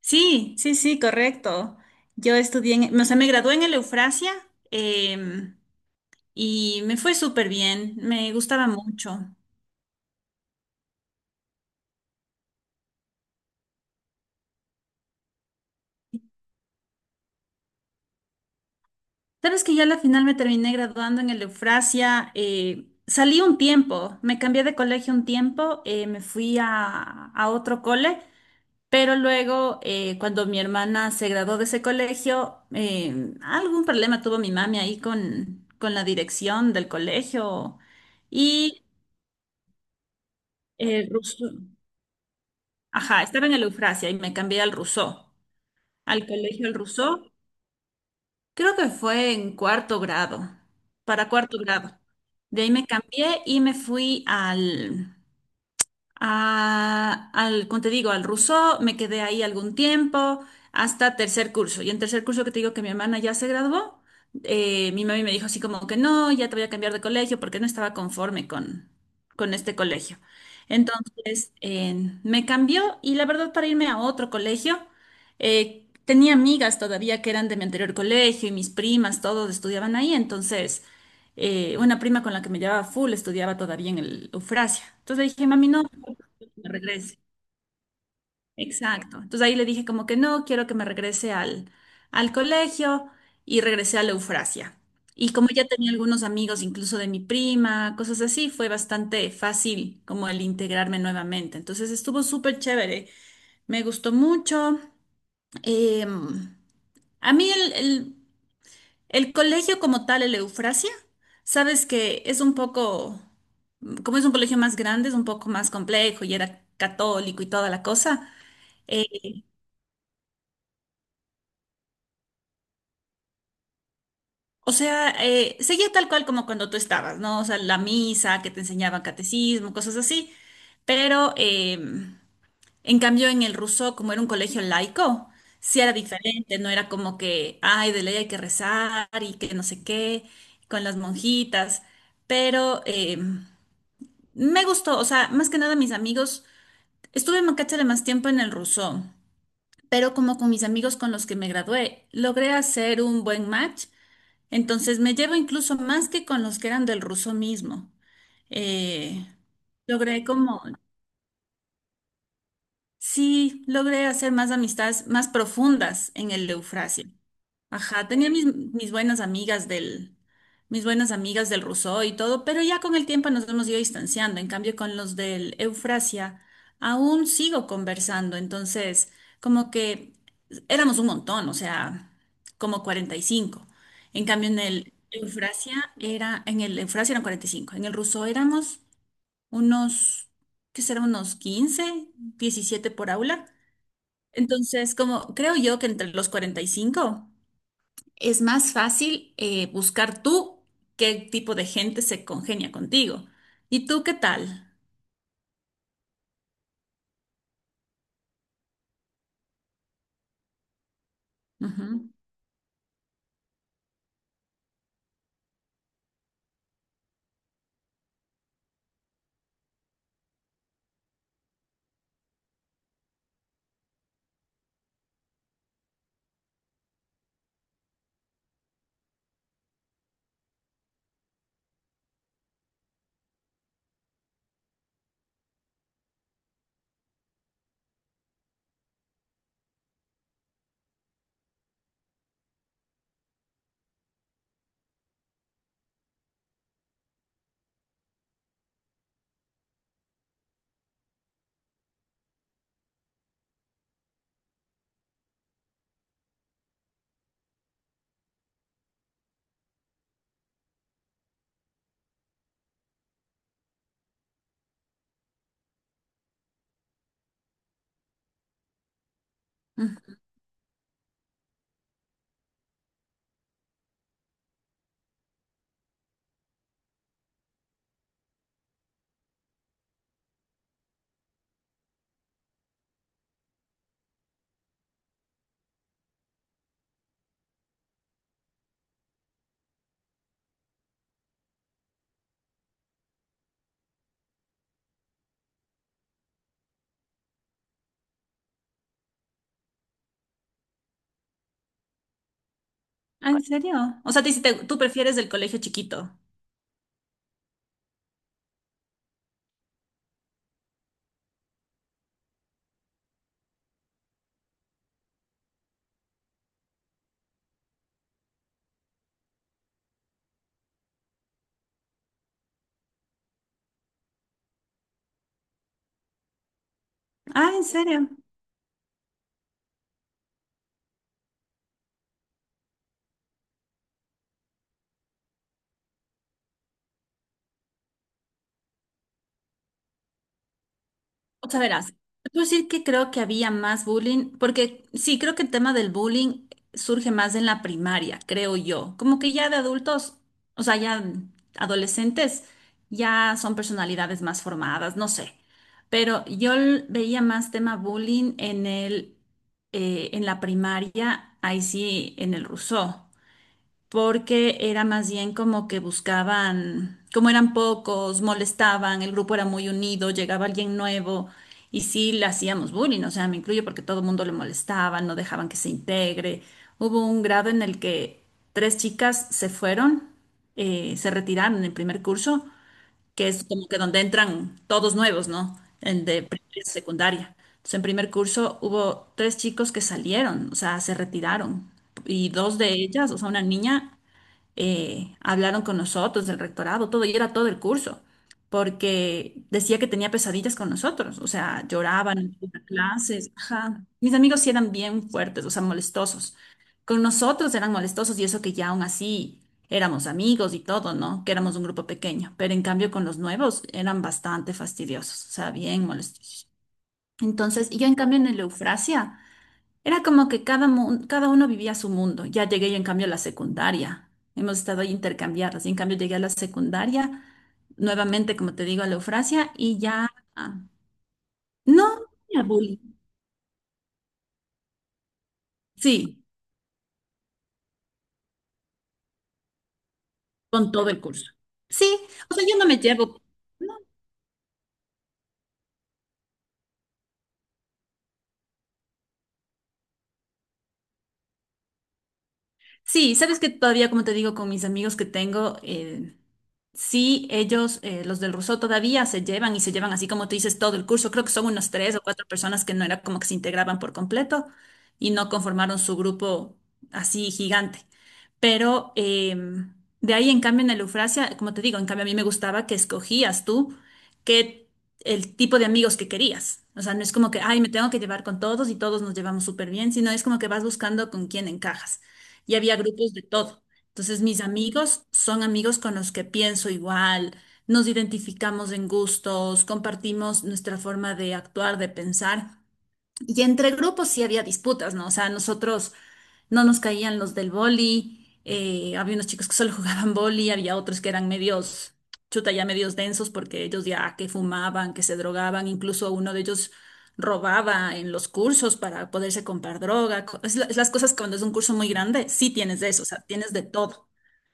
Sí, sí, sí, correcto. Yo estudié, o sea, me gradué en el Eufrasia em, y me fue súper bien, me gustaba mucho. Sabes que yo a la final me terminé graduando en el Eufrasia, salí un tiempo, me cambié de colegio un tiempo, me fui a otro cole, pero luego cuando mi hermana se graduó de ese colegio, algún problema tuvo mi mami ahí con la dirección del colegio y... eh, Ajá, estaba en el Eufrasia y me cambié al Rousseau, al colegio del Rousseau. Creo que fue en cuarto grado, para cuarto grado. De ahí me cambié y me fui al, como te digo, al Rousseau, me quedé ahí algún tiempo, hasta tercer curso. Y en tercer curso que te digo que mi hermana ya se graduó, mi mami me dijo así como que no, ya te voy a cambiar de colegio porque no estaba conforme con este colegio. Entonces, me cambió y la verdad para irme a otro colegio, tenía amigas todavía que eran de mi anterior colegio y mis primas, todos estudiaban ahí, entonces una prima con la que me llevaba full estudiaba todavía en el Eufrasia. Entonces le dije, mami, no, me regrese. Exacto. Entonces ahí le dije como que no, quiero que me regrese al, al colegio y regresé a la Eufrasia. Y como ya tenía algunos amigos, incluso de mi prima, cosas así, fue bastante fácil como el integrarme nuevamente. Entonces estuvo súper chévere, me gustó mucho. Eh, a mí el colegio como tal, el Eufrasia, sabes que es un poco, como es un colegio más grande, es un poco más complejo y era católico y toda la cosa. eh, O sea, seguía tal cual como cuando tú estabas, ¿no? O sea, la misa, que te enseñaban catecismo, cosas así. Pero, en cambio, en el ruso, como era un colegio laico, sí era diferente, no era como que, ay, de ley hay que rezar y que no sé qué, con las monjitas. Pero me gustó, o sea, más que nada mis amigos, estuve en Macachale más tiempo en el ruso, pero como con mis amigos con los que me gradué, logré hacer un buen match entonces me llevo incluso más que con los que eran del ruso mismo. Eh, logré como, sí, logré hacer más amistades más profundas en el Eufrasia. Ajá, tenía mis buenas amigas del, mis buenas amigas del Rousseau y todo, pero ya con el tiempo nos hemos ido distanciando. En cambio, con los del Eufrasia, aún sigo conversando. Entonces, como que éramos un montón, o sea, como 45. En cambio, en el Eufrasia eran 45. En el Rousseau éramos unos, ¿qué será? Unos 15, 17 por aula. Entonces, como creo yo que entre los 45 es más fácil buscar tú qué tipo de gente se congenia contigo. ¿Y tú qué tal? Ujú. Mm. Ah, ¿en serio? O sea, tú prefieres el colegio chiquito. Ah, ¿en serio? O sea, verás, te puedo decir que creo que había más bullying, porque sí, creo que el tema del bullying surge más en la primaria, creo yo. Como que ya de adultos, o sea, ya adolescentes, ya son personalidades más formadas, no sé. Pero yo veía más tema bullying en en la primaria, ahí sí, en el Rousseau porque era más bien como que buscaban, como eran pocos, molestaban, el grupo era muy unido, llegaba alguien nuevo y sí le hacíamos bullying, o sea, me incluyo porque todo el mundo le molestaba, no dejaban que se integre. Hubo un grado en el que tres chicas se fueron, se retiraron en el primer curso, que es como que donde entran todos nuevos, ¿no? El de primaria y secundaria. Entonces, en primer curso hubo tres chicos que salieron, o sea, se retiraron. Y dos de ellas, o sea, una niña hablaron con nosotros del rectorado, todo, y era todo el curso, porque decía que tenía pesadillas con nosotros, o sea, lloraban en las clases, ajá. Mis amigos sí eran bien fuertes, o sea, molestosos. Con nosotros eran molestosos y eso que ya aún así éramos amigos y todo, ¿no? Que éramos un grupo pequeño, pero en cambio con los nuevos eran bastante fastidiosos, o sea, bien molestosos. Entonces, y yo en cambio en el Eufrasia. Era como que cada uno vivía su mundo. Ya llegué yo en cambio a la secundaria. Hemos estado ahí intercambiadas. Y en cambio llegué a la secundaria, nuevamente, como te digo, a la Eufrasia y ya... ah, No, no tenía bullying. Sí, con todo el curso. Sí, o sea, yo no me llevo. Sí, sabes que todavía, como te digo, con mis amigos que tengo, sí, ellos, los del Rousseau, todavía se llevan y se llevan así como tú dices todo el curso. Creo que son unas tres o cuatro personas que no era como que se integraban por completo y no conformaron su grupo así gigante. Pero de ahí, en cambio, en el Eufrasia, como te digo, en cambio a mí me gustaba que escogías tú que el tipo de amigos que querías. O sea, no es como que, ay, me tengo que llevar con todos y todos nos llevamos súper bien, sino es como que vas buscando con quién encajas. Y había grupos de todo. Entonces, mis amigos son amigos con los que pienso igual, nos identificamos en gustos, compartimos nuestra forma de actuar, de pensar. Y entre grupos sí había disputas, ¿no? O sea, nosotros no nos caían los del boli, había unos chicos que solo jugaban boli, había otros que eran medios, chuta, ya medios densos porque ellos ya que fumaban, que se drogaban, incluso uno de ellos robaba en los cursos para poderse comprar droga. Es las cosas que cuando es un curso muy grande, sí tienes de eso, o sea, tienes de todo.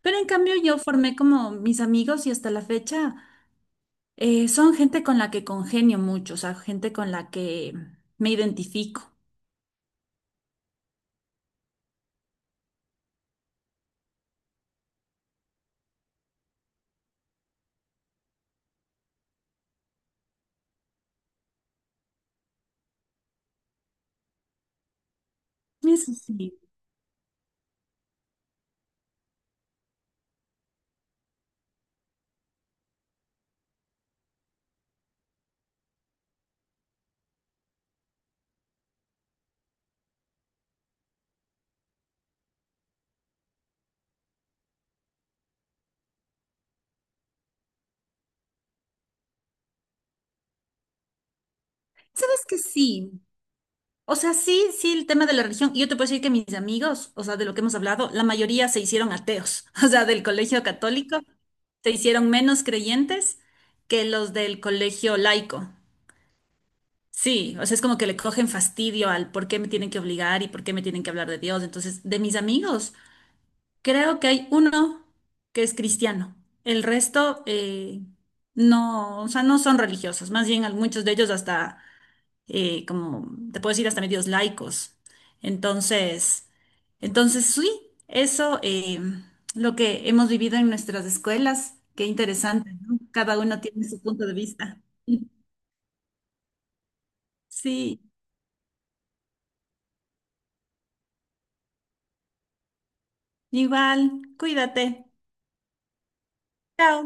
Pero en cambio yo formé como mis amigos y hasta la fecha son gente con la que congenio mucho, o sea, gente con la que me identifico. Eso sí. Sí. ¿Sabes que sí? O sea, sí, sí, el tema de la religión. Yo te puedo decir que mis amigos, o sea, de lo que hemos hablado, la mayoría se hicieron ateos. O sea, del colegio católico se hicieron menos creyentes que los del colegio laico. Sí, o sea, es como que le cogen fastidio al por qué me tienen que obligar y por qué me tienen que hablar de Dios. Entonces, de mis amigos, creo que hay uno que es cristiano. El resto, no, o sea, no son religiosos. Más bien, muchos de ellos hasta como te puedo decir, hasta medios laicos. Entonces, sí, eso lo que hemos vivido en nuestras escuelas, qué interesante, ¿no? Cada uno tiene su punto de vista. Sí, igual, cuídate. Chao.